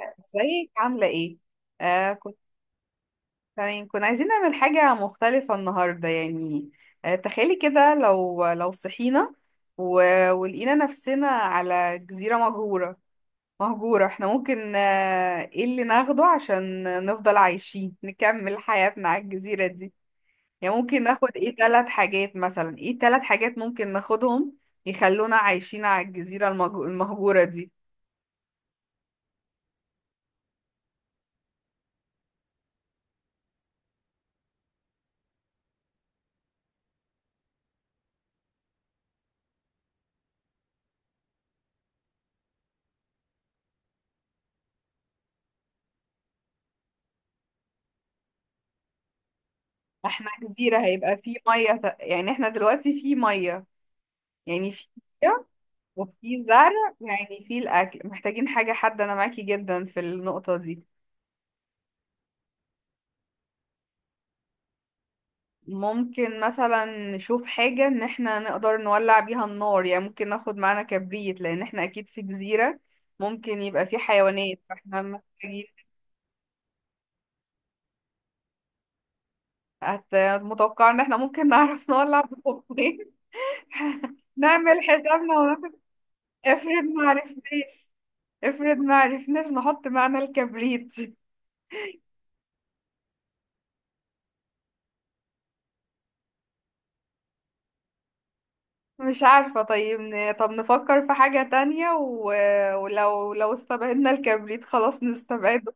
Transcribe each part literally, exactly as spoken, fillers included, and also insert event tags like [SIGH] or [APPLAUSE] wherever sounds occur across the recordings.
ازيك عاملة ايه؟ آه كنت تمام. كنا عايزين نعمل حاجة مختلفة النهاردة يعني. آه تخيلي كده لو لو صحينا و... ولقينا نفسنا على جزيرة مهجورة. مهجورة احنا ممكن آه ايه اللي ناخده عشان نفضل عايشين، نكمل حياتنا على الجزيرة دي؟ يعني ممكن ناخد ايه ثلاث حاجات مثلا، ايه ثلاث حاجات ممكن ناخدهم يخلونا عايشين على الجزيرة المهج- المهجورة دي؟ احنا جزيرة هيبقى في مية. ت- يعني احنا دلوقتي في مية، يعني في مية وفي زرع، يعني في الأكل محتاجين حاجة حد. أنا معاكي جدا في النقطة دي. ممكن مثلا نشوف حاجة إن احنا نقدر نولع بيها النار، يعني ممكن ناخد معانا كبريت. لأن احنا أكيد في جزيرة ممكن يبقى في حيوانات فاحنا محتاجين. هت- متوقع إن احنا ممكن نعرف نولع بخوفين. [LAUGHS] نعمل حسابنا. افرض ما عرفناش، افرض ما عرفناش نحط معنى الكبريت. مش عارفة، طيب ن... طب نفكر في حاجة تانية و... ولو لو استبعدنا الكبريت خلاص نستبعده.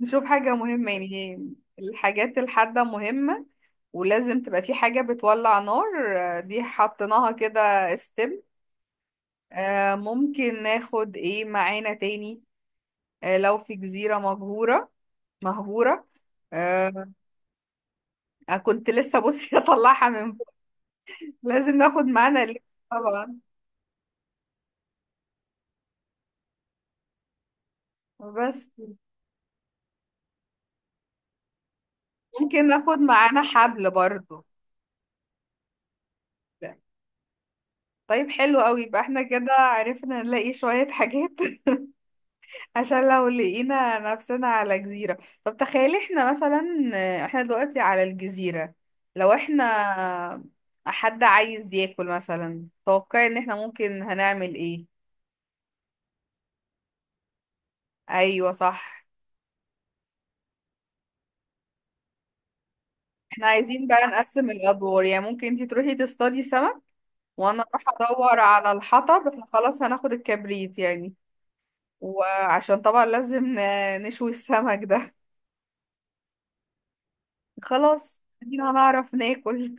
نشوف حاجة مهمة، يعني هي الحاجات الحادة مهمة، ولازم تبقى في حاجة بتولع نار. آه، دي حطيناها كده. استم. آه، ممكن ناخد ايه معانا تاني؟ آه، لو في جزيرة مهجورة، مهجورة، آه، كنت لسه بصي [LAUGHS] اطلعها من. لازم ناخد معانا لبس. طبعا بس. ممكن ناخد معانا حبل برضو. طيب حلو قوي. يبقى احنا كده عرفنا نلاقي شوية حاجات. [LAUGHS] عشان لو لقينا نفسنا على جزيرة. طب تخيلي احنا مثلا، احنا دلوقتي على الجزيرة، لو احنا حد عايز ياكل مثلا، توقعي ان احنا ممكن هنعمل ايه. ايوه صح. احنا عايزين بقى نقسم الادوار، يعني ممكن انتي تروحي تصطادي سمك، وانا اروح ادور على الحطب. احنا خلاص هناخد الكبريت يعني. وعشان طبعا لازم ن- نشوي السمك ده. [LAUGHS] خلاص ادينا هنعرف ناكل.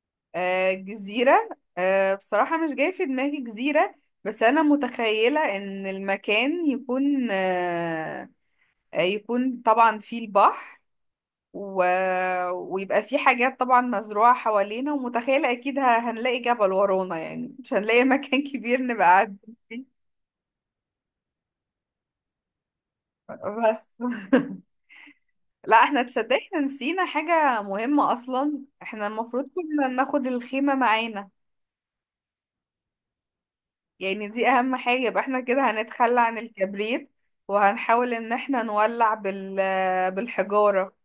[LAUGHS] آه، جزيرة. آه، بصراحة مش جاي في دماغي جزيرة، بس أنا متخيلة إن المكان يكون آه، آه، يكون طبعا فيه البحر و... ويبقى فيه حاجات طبعا مزروعة حوالينا، ومتخيلة أكيد ه- هنلاقي جبل ورانا، يعني مش هنلاقي مكان [LAUGHS] كبير نبقى قاعدين فيه بس. [LAUGHS] لا، احنا تصدق احنا نسينا حاجة مهمة اصلا، احنا المفروض كنا ناخد الخيمة معانا. يعني دي اهم حاجة. يبقى احنا كده هنتخلى عن الكبريت وهنحاول ان احنا نولع بال، بالحجارة.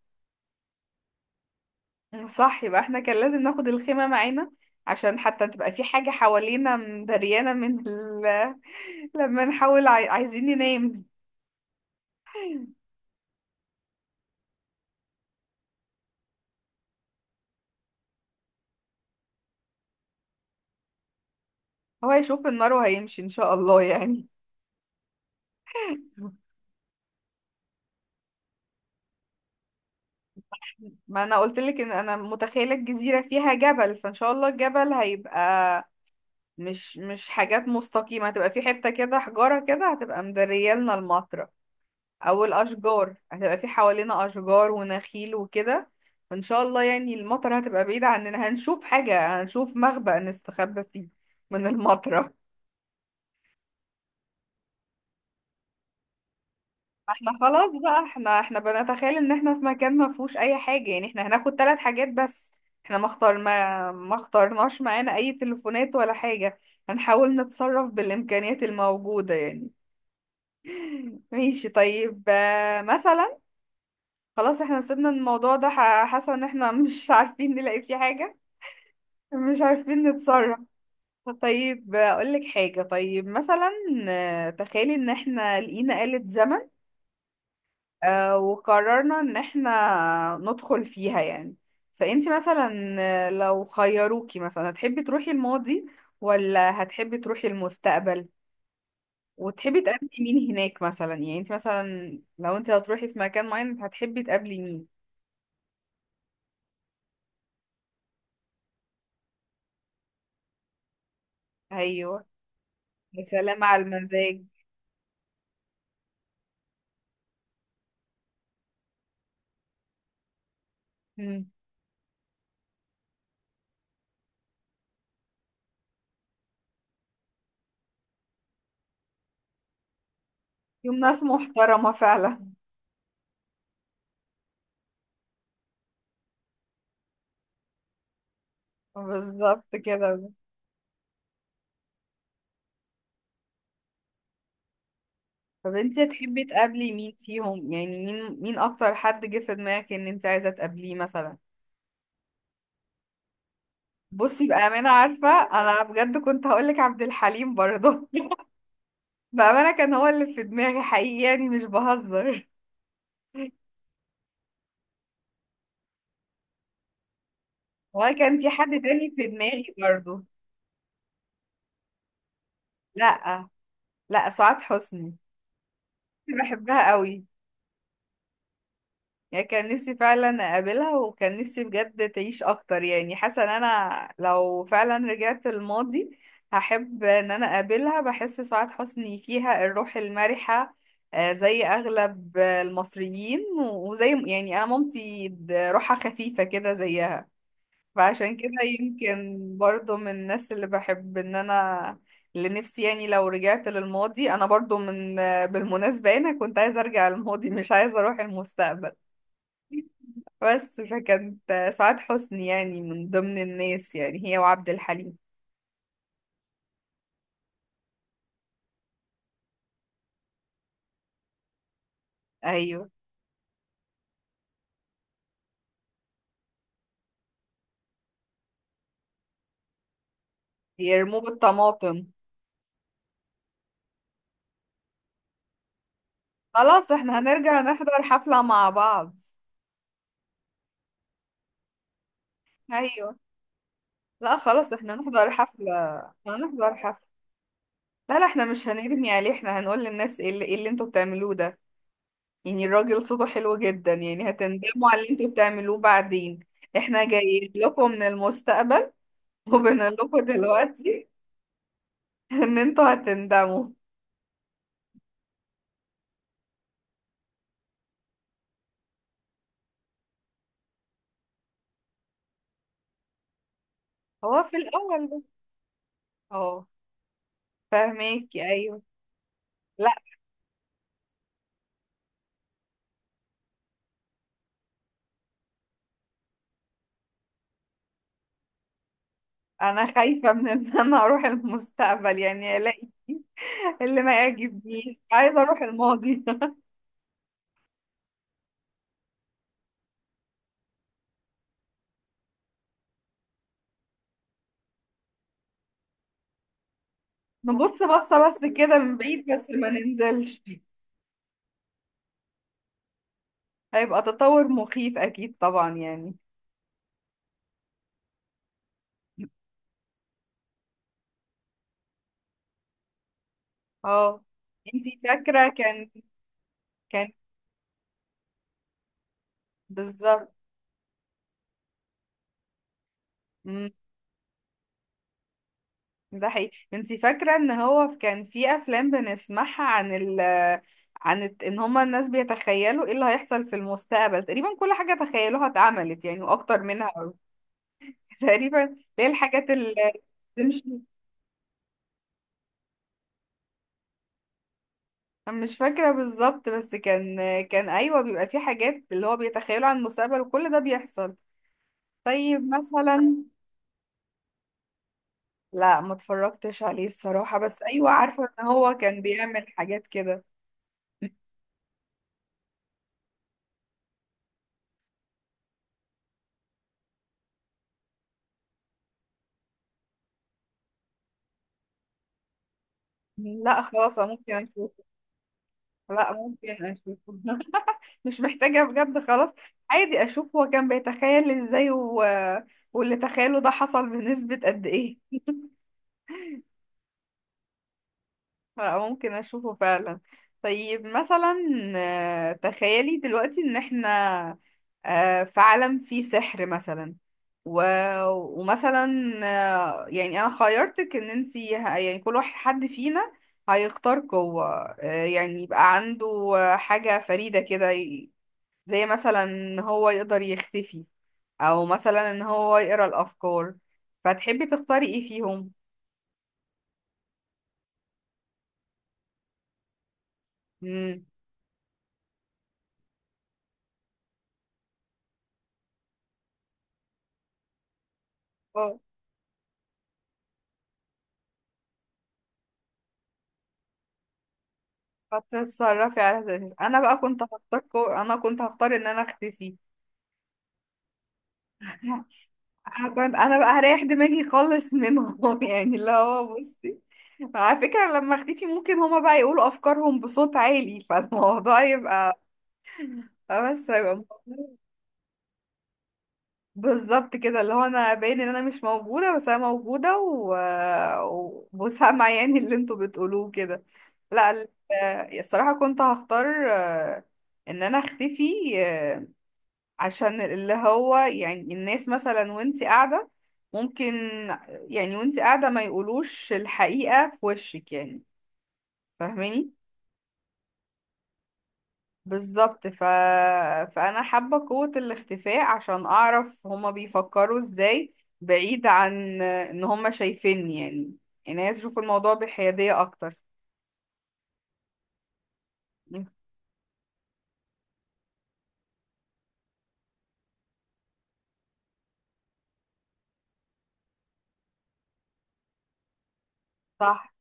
صح، يبقى احنا كان لازم ناخد الخيمة معانا، عشان حتى تبقى في حاجة حوالينا مدريانة من ال... [LAUGHS] لما نحاول عاي... عايزين ننام. هو هيشوف النار وهيمشي ان شاء الله يعني. ما انا قلت لك ان انا متخيله الجزيره فيها جبل، فان شاء الله الجبل هيبقى مش مش حاجات مستقيمه، هتبقى في حته كده حجاره كده هتبقى مدريالنا المطره. او الاشجار هتبقى في حوالينا اشجار ونخيل وكده. فان شاء الله يعني المطره هتبقى بعيده عننا، هنشوف حاجه، هنشوف مخبأ نستخبى فيه من المطره. احنا خلاص بقى، احنا احنا بنتخيل ان احنا في مكان ما فيهوش اي حاجة يعني. احنا هناخد ثلاث حاجات بس. احنا ما اختار ما ما اخترناش معانا اي تليفونات ولا حاجة. هنحاول نتصرف بالامكانيات الموجودة يعني. ماشي طيب، آه، مثلا، خلاص احنا سيبنا الموضوع ده. ح- حاسة ان احنا [LAUGHS] مش عارفين نلاقي فيه حاجة، مش عارفين نتصرف. طيب اقول لك حاجة. طيب مثلا، آه، تخيلي ان احنا لقينا آلة زمن، آه، وقررنا ان احنا ندخل فيها يعني. فانتي مثلا آه، لو خيروكي مثلا هتحبي تروحي الماضي ولا هتحبي تروحي المستقبل؟ وتحبي تقابلي مين هناك مثلا؟ يعني انتي مثلا لو انتي هتروحي في مكان معين هتحبي تقابلي مين؟ ايوه. يا سلام على المزاج. مم. يوم ناس محترمة فعلا. [LAUGHS] بالظبط كده. طب انتي هتحبي تقابلي مين فيهم؟ يعني مين، مين اكتر حد جه في دماغك ان انتي عايزة تقابليه مثلا؟ بصي بأمانة، عارفة أنا بجد كنت هقولك عبد الحليم برضه. [LAUGHS] بأمانة كان هو اللي في دماغي حقيقي يعني مش بهزر. هو كان في حد تاني في دماغي برضه. لأ، لأ سعاد حسني. بحبها قوي، يعني كان نفسي فعلا اقابلها، وكان نفسي بجد تعيش اكتر. يعني حاسه ان انا لو فعلا رجعت الماضي هحب ان انا اقابلها. بحس سعاد حسني فيها الروح المرحه آه، زي اغلب آه، المصريين، وزي يعني انا مامتي د- روحها خفيفه كده زيها. فعشان كده يمكن برضو من الناس اللي بحب ان انا، اللي نفسي يعني لو رجعت للماضي. انا برضو من آه، بالمناسبه انا كنت عايزه ارجع للماضي مش عايزه اروح المستقبل. بس فكانت سعاد حسني يعني من ضمن الناس، يعني هي وعبد الحليم. ايوه. يرموه بالطماطم. خلاص احنا هنرجع نحضر حفلة مع بعض. ايوه. لا خلاص احنا هنحضر حفلة. هنحضر حفلة. لا، لا احنا مش هنرمي عليه. احنا هنقول للناس ايه اللي، إيه اللي انتوا بتعملوه ده؟ يعني الراجل صوته حلو جدا يعني، هتندموا على اللي انتوا بتعملوه بعدين. احنا جايين لكم من المستقبل، وبنقول لكم دلوقتي [LAUGHS] ان انتوا هتندموا. هو في الاول بس. اه. فاهماكي ايوه. لا انا خايفه من ان انا اروح المستقبل، يعني الاقي [LAUGHS] اللي ما يعجبنيش. عايزه اروح الماضي. [LAUGHS] نبص بصه بس كده من بعيد، بس ما ننزلش. هيبقى تطور مخيف اكيد طبعا يعني. اه. انتي فاكره. كان. كان بالظبط. مم. ده حقيقي. انتي فاكرة ان هو كان في افلام بنسمعها عن ال، عن الت- ان هما الناس بيتخيلوا ايه اللي هيحصل في المستقبل؟ تقريبا كل حاجة تخيلوها اتعملت يعني واكتر منها. [LAUGHS] تقريبا اللي هي الحاجات اللي مش مش فاكرة بالظبط، بس كان كان ايوه بيبقى في حاجات اللي هو بيتخيلوا عن المستقبل وكل ده بيحصل. طيب مثلا. لا ما اتفرجتش عليه الصراحة، بس ايوه عارفة ان هو كان بيعمل حاجات كده. [LAUGHS] لا خلاص أنا ممكن اشوف. لا ممكن اشوفه. [LAUGHS] مش محتاجة بجد خلاص. عادي اشوف هو كان بيتخيل ازاي و... واللي تخيله ده حصل بنسبة قد ايه. [LAUGHS] فممكن اشوفه فعلا. طيب مثلا، آه، تخيلي دلوقتي ان احنا آه، في عالم فيه سحر مثلا، و... ومثلا، آه، يعني انا خيرتك ان انتي ه- يعني كل واحد، حد فينا هيختار قوة. آه، يعني يبقى عنده آه، حاجة فريدة كده، زي مثلا ان هو يقدر يختفي، او مثلا ان هو يقرا الافكار. فتحبي تختاري ايه فيهم؟ امم اه. فتتصرفي على اساس إيه؟ انا بقى كنت هختار كو... انا كنت هختار ان انا اختفي. [LAUGHS] انا كنت انا بقى هريح دماغي خالص منهم. [LAUGHS] يعني اللي هو بصي، على فكرة لما اختفي ممكن هما بقى يقولوا افكارهم بصوت عالي، فالموضوع يبقى، بس هيبقى بالظبط كده اللي هو انا باين ان انا مش موجوده بس انا موجوده و... و- وسامعه يعني اللي انتوا بتقولوه كده. لا ال- آه، الصراحه كنت هختار آه، ان انا اختفي، آه، عشان اللي هو يعني الناس مثلا وانتي قاعده ممكن، يعني وانتي قاعده ما يقولوش الحقيقه في وشك يعني. فاهماني. بالظبط ف... فانا حابه قوه الاختفاء عشان اعرف هما بيفكروا ازاي، بعيد عن ان هما شايفيني يعني. يعني عايز اشوف الموضوع بحياديه اكتر. صح.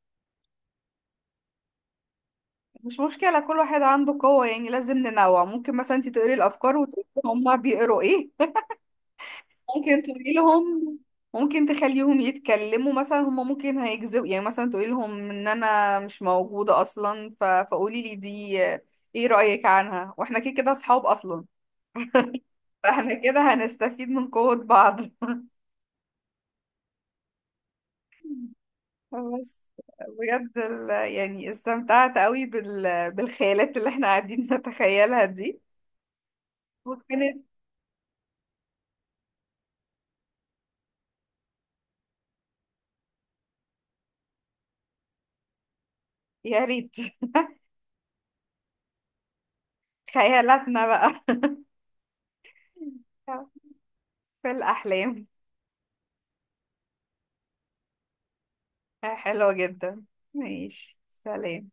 مش مشكله، كل واحد عنده قوه يعني لازم ننوع. ممكن مثلا انت تقري الافكار وتقولي هما بيقروا ايه. ممكن تقولي لهم. ممكن تخليهم يتكلموا مثلا، هما ممكن هيكذبوا يعني، مثلا تقولي لهم ان انا مش موجوده اصلا ف... فقولي لي دي ايه رايك عنها، واحنا كده كده اصحاب اصلا. فاحنا كده هنستفيد من قوة بعض. [LAUGHS] بس بجد ال- يعني استمتعت قوي بال... بالخيالات اللي احنا قاعدين نتخيلها دي. وكانت يا ريت. خيالاتنا بقى. [LAUGHS] في الأحلام. حلوة جدا. ماشي، سلام.